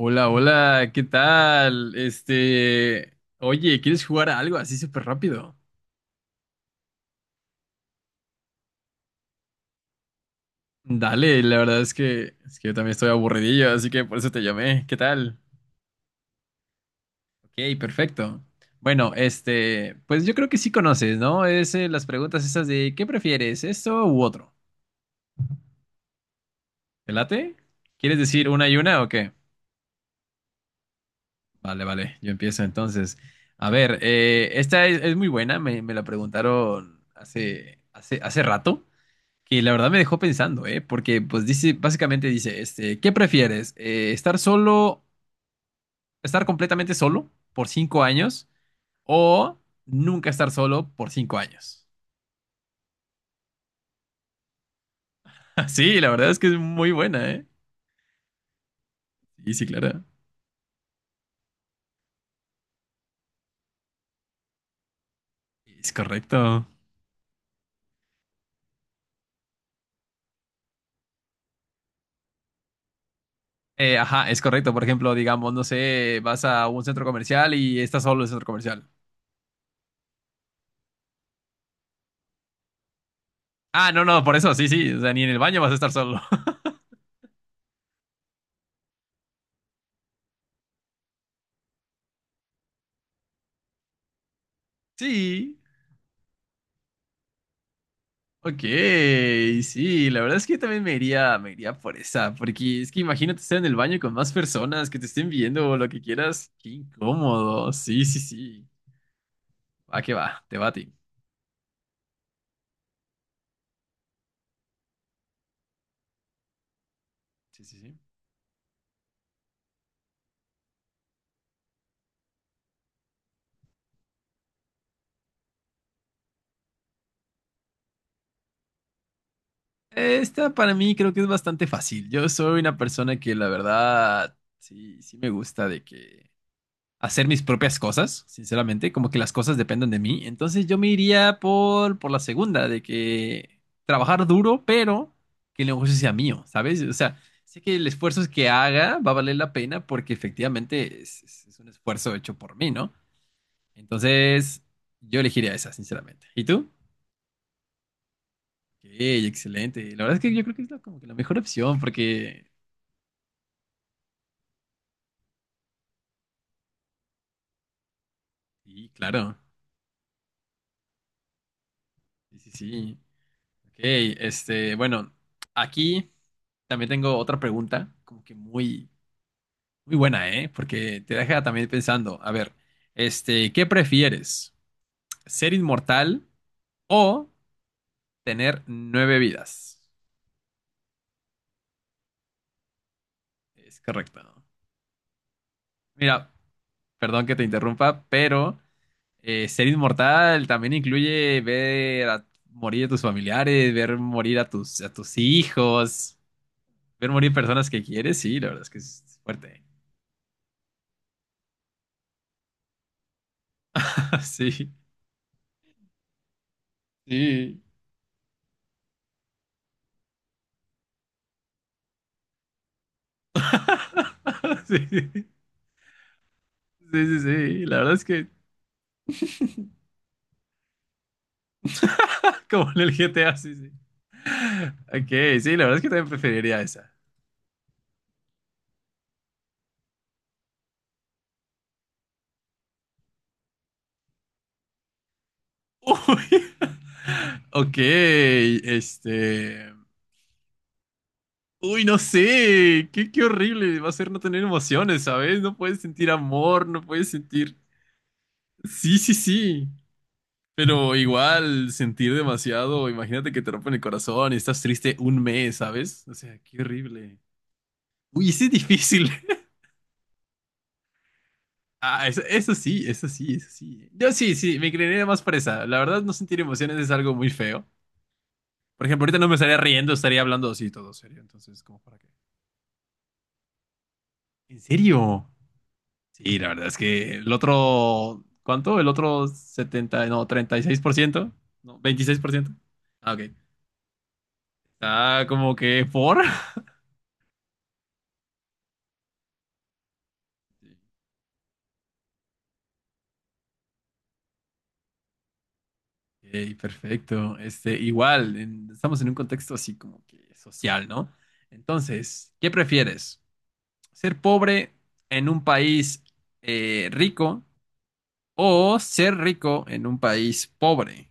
Hola, hola, ¿qué tal? Este, oye, ¿quieres jugar a algo así súper rápido? Dale, la verdad es que yo también estoy aburridillo, así que por eso te llamé. ¿Qué tal? Ok, perfecto. Bueno, este, pues yo creo que sí conoces, ¿no? Es las preguntas esas de ¿qué prefieres, esto u otro? ¿Te late? ¿Quieres decir una y una o qué? Vale, vale, yo empiezo entonces. A ver, esta es muy buena, me la preguntaron hace rato. Que la verdad me dejó pensando, ¿eh? Porque pues dice, básicamente dice, este, ¿qué prefieres? ¿Estar solo, estar completamente solo por 5 años o nunca estar solo por 5 años? Sí, la verdad es que es muy buena, ¿eh? Sí, sí, claro. Es correcto. Ajá, es correcto. Por ejemplo, digamos, no sé, vas a un centro comercial y estás solo en el centro comercial. Ah, no, no, por eso, sí, sí. O sea, ni en el baño vas a estar solo. Sí. Ok, sí, la verdad es que yo también me iría por esa, porque es que imagínate estar en el baño con más personas que te estén viendo o lo que quieras. Qué incómodo. Sí, sí, sí. Va que va, te va a ti. Sí, sí, sí. Esta para mí creo que es bastante fácil. Yo soy una persona que la verdad sí, sí me gusta de que hacer mis propias cosas, sinceramente, como que las cosas dependen de mí. Entonces yo me iría por la segunda, de que trabajar duro, pero que el negocio sea mío, ¿sabes? O sea, sé que el esfuerzo que haga va a valer la pena porque efectivamente es un esfuerzo hecho por mí, ¿no? Entonces yo elegiría esa, sinceramente. ¿Y tú? Ok, excelente. La verdad es que yo creo que es como que la mejor opción porque... Sí, claro. Sí, sí, sí. Ok, este, bueno, aquí... También tengo otra pregunta, como que muy, muy buena, ¿eh? Porque te deja también pensando, a ver, este, ¿qué prefieres? ¿Ser inmortal o tener nueve vidas? Es correcto, ¿no? Mira, perdón que te interrumpa, pero ser inmortal también incluye ver a morir a tus familiares, ver morir a tus hijos, ver morir personas que quieres, sí, la verdad es que es fuerte. Sí, sí. Sí. Sí, sí, sí. La verdad es que, como en el GTA, sí, sí. Ok, sí, la verdad es que también preferiría esa. Uy. Ok, este. Uy, no sé. Qué horrible va a ser no tener emociones, ¿sabes? No puedes sentir amor, no puedes sentir. Sí, sí, sí. Pero igual, sentir demasiado. Imagínate que te rompen el corazón y estás triste un mes, ¿sabes? O sea, qué horrible. Uy, ese es difícil. Ah, eso sí, eso sí, eso sí. Yo sí, sí, me creería más presa. La verdad, no sentir emociones es algo muy feo. Por ejemplo, ahorita no me estaría riendo, estaría hablando así todo serio. Entonces, ¿cómo para qué? ¿En serio? Sí, la verdad es que el otro, ¿cuánto? El otro 70, no, 36%, no, 26%. Ah, ok. Está como que por. Ok, perfecto. Este, igual, estamos en un contexto así como que social, ¿no? Entonces, ¿qué prefieres? Ser pobre en un país rico o ser rico en un país pobre.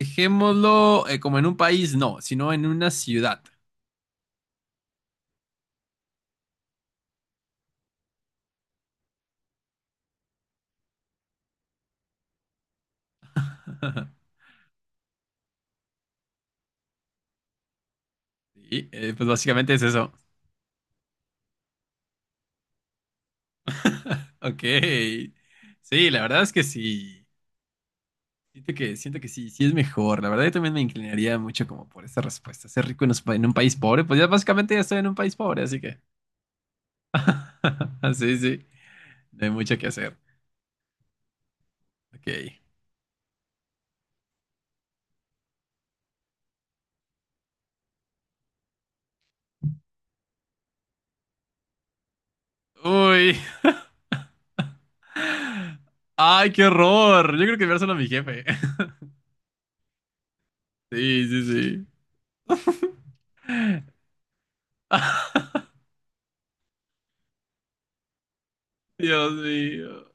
Dejémoslo como en un país, no, sino en una ciudad. Sí, pues básicamente es eso. Ok. Sí, la verdad es que sí. Siento que sí, sí es mejor. La verdad yo también me inclinaría mucho como por esta respuesta. Ser rico en un país pobre, pues ya básicamente ya estoy en un país pobre, así que. Sí, sí, no hay mucho que hacer. Ok. Uy, ay, qué horror. Yo creo que enviárselo a mi jefe. Sí, sí, sí. Dios mío.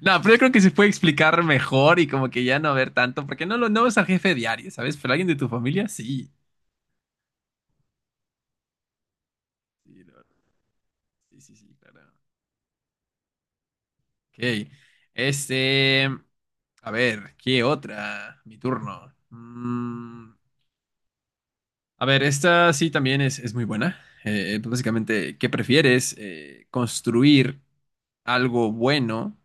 No, pero yo creo que se puede explicar mejor y como que ya no ver tanto, porque no es al jefe diario, ¿sabes? Pero alguien de tu familia, sí. Sí, la verdad. Sí, sí, sí, claro. Ok. Este. A ver, ¿qué otra? Mi turno. A ver, esta sí también es muy buena. Pues básicamente, ¿qué prefieres? ¿Construir algo bueno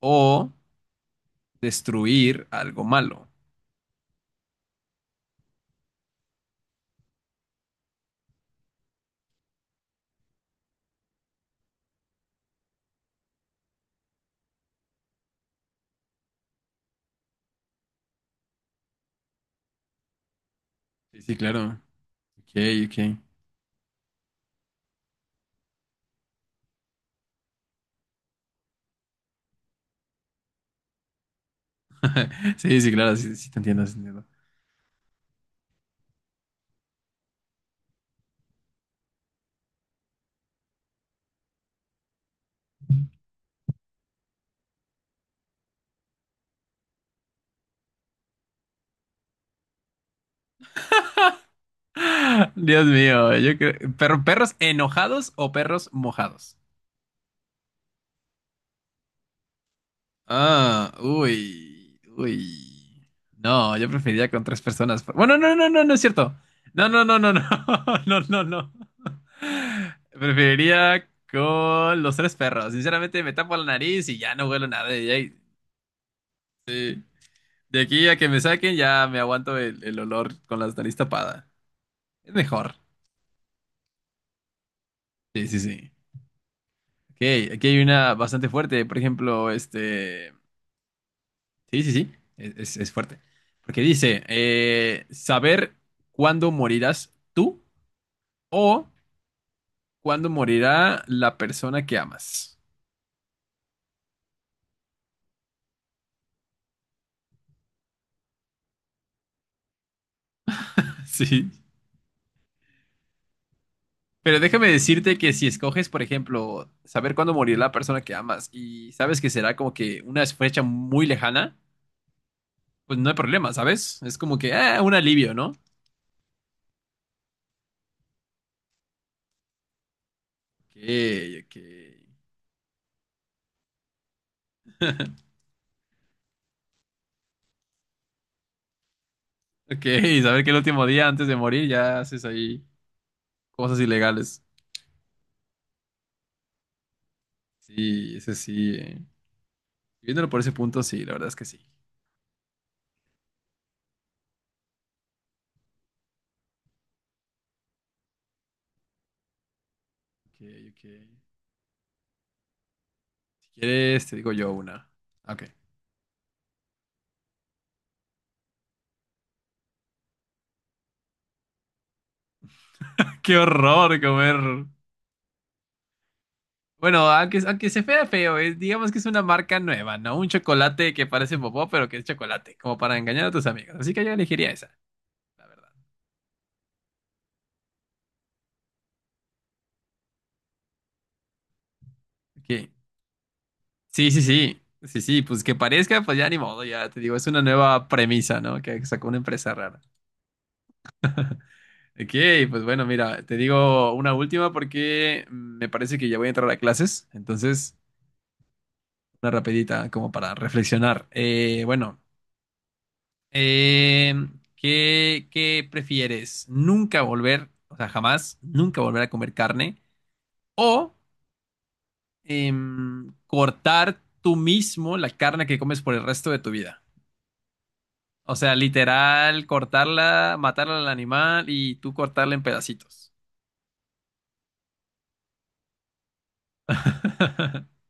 o destruir algo malo? Sí, sí, claro. Ok, ok. Sí, sí, claro, sí, sí te entiendo, sí te entiendo. Dios mío, yo creo. Pero, ¿perros enojados o perros mojados? Ah, uy, uy. No, yo preferiría con tres personas. Bueno, no, no, no, no es cierto. No, no, no, no, no, no, no, no. Preferiría con los tres perros. Sinceramente, me tapo la nariz y ya no huelo nada. Sí. De aquí a que me saquen, ya me aguanto el olor con la nariz tapada. Es mejor. Sí, sí, sí. Ok, aquí hay una bastante fuerte. Por ejemplo, este. Sí, sí, sí. Es fuerte. Porque dice: saber cuándo morirás tú o cuándo morirá la persona que amas. Sí. Pero déjame decirte que si escoges, por ejemplo, saber cuándo morirá la persona que amas y sabes que será como que una fecha muy lejana. Pues no hay problema, ¿sabes? Es como que, ah, un alivio, ¿no? Ok, ok. Ok, saber que el último día antes de morir ya haces ahí cosas ilegales. Sí, ese sí. Viéndolo por ese punto, sí, la verdad es que sí. Ok, ok. Si quieres, te digo yo una. Ok. Qué horror comer. Bueno, aunque se vea feo, digamos que es una marca nueva, ¿no? Un chocolate que parece popó, pero que es chocolate, como para engañar a tus amigos. Así que yo elegiría esa, la verdad. Ok. Sí, sí, sí. Sí, sí, pues que parezca, pues ya ni modo, ya te digo, es una nueva premisa, ¿no? Que sacó una empresa rara. Ok, pues bueno, mira, te digo una última porque me parece que ya voy a entrar a clases, entonces una rapidita como para reflexionar. Bueno, eh, ¿qué prefieres? ¿Nunca volver, o sea, jamás, nunca volver a comer carne o cortar tú mismo la carne que comes por el resto de tu vida? O sea, literal, cortarla, matarla al animal y tú cortarla en pedacitos.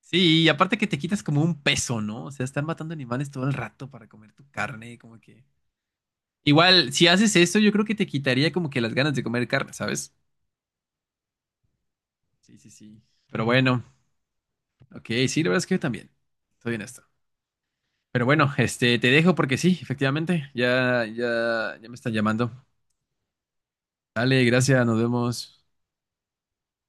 Sí, y aparte que te quitas como un peso, ¿no? O sea, estar matando animales todo el rato para comer tu carne, como que... Igual, si haces eso, yo creo que te quitaría como que las ganas de comer carne, ¿sabes? Sí, sí, sí. Pero bueno, ok, sí, la verdad es que yo también. Estoy en esto. Pero bueno, este, te dejo porque sí, efectivamente, ya, ya, ya me están llamando. Dale, gracias, nos vemos.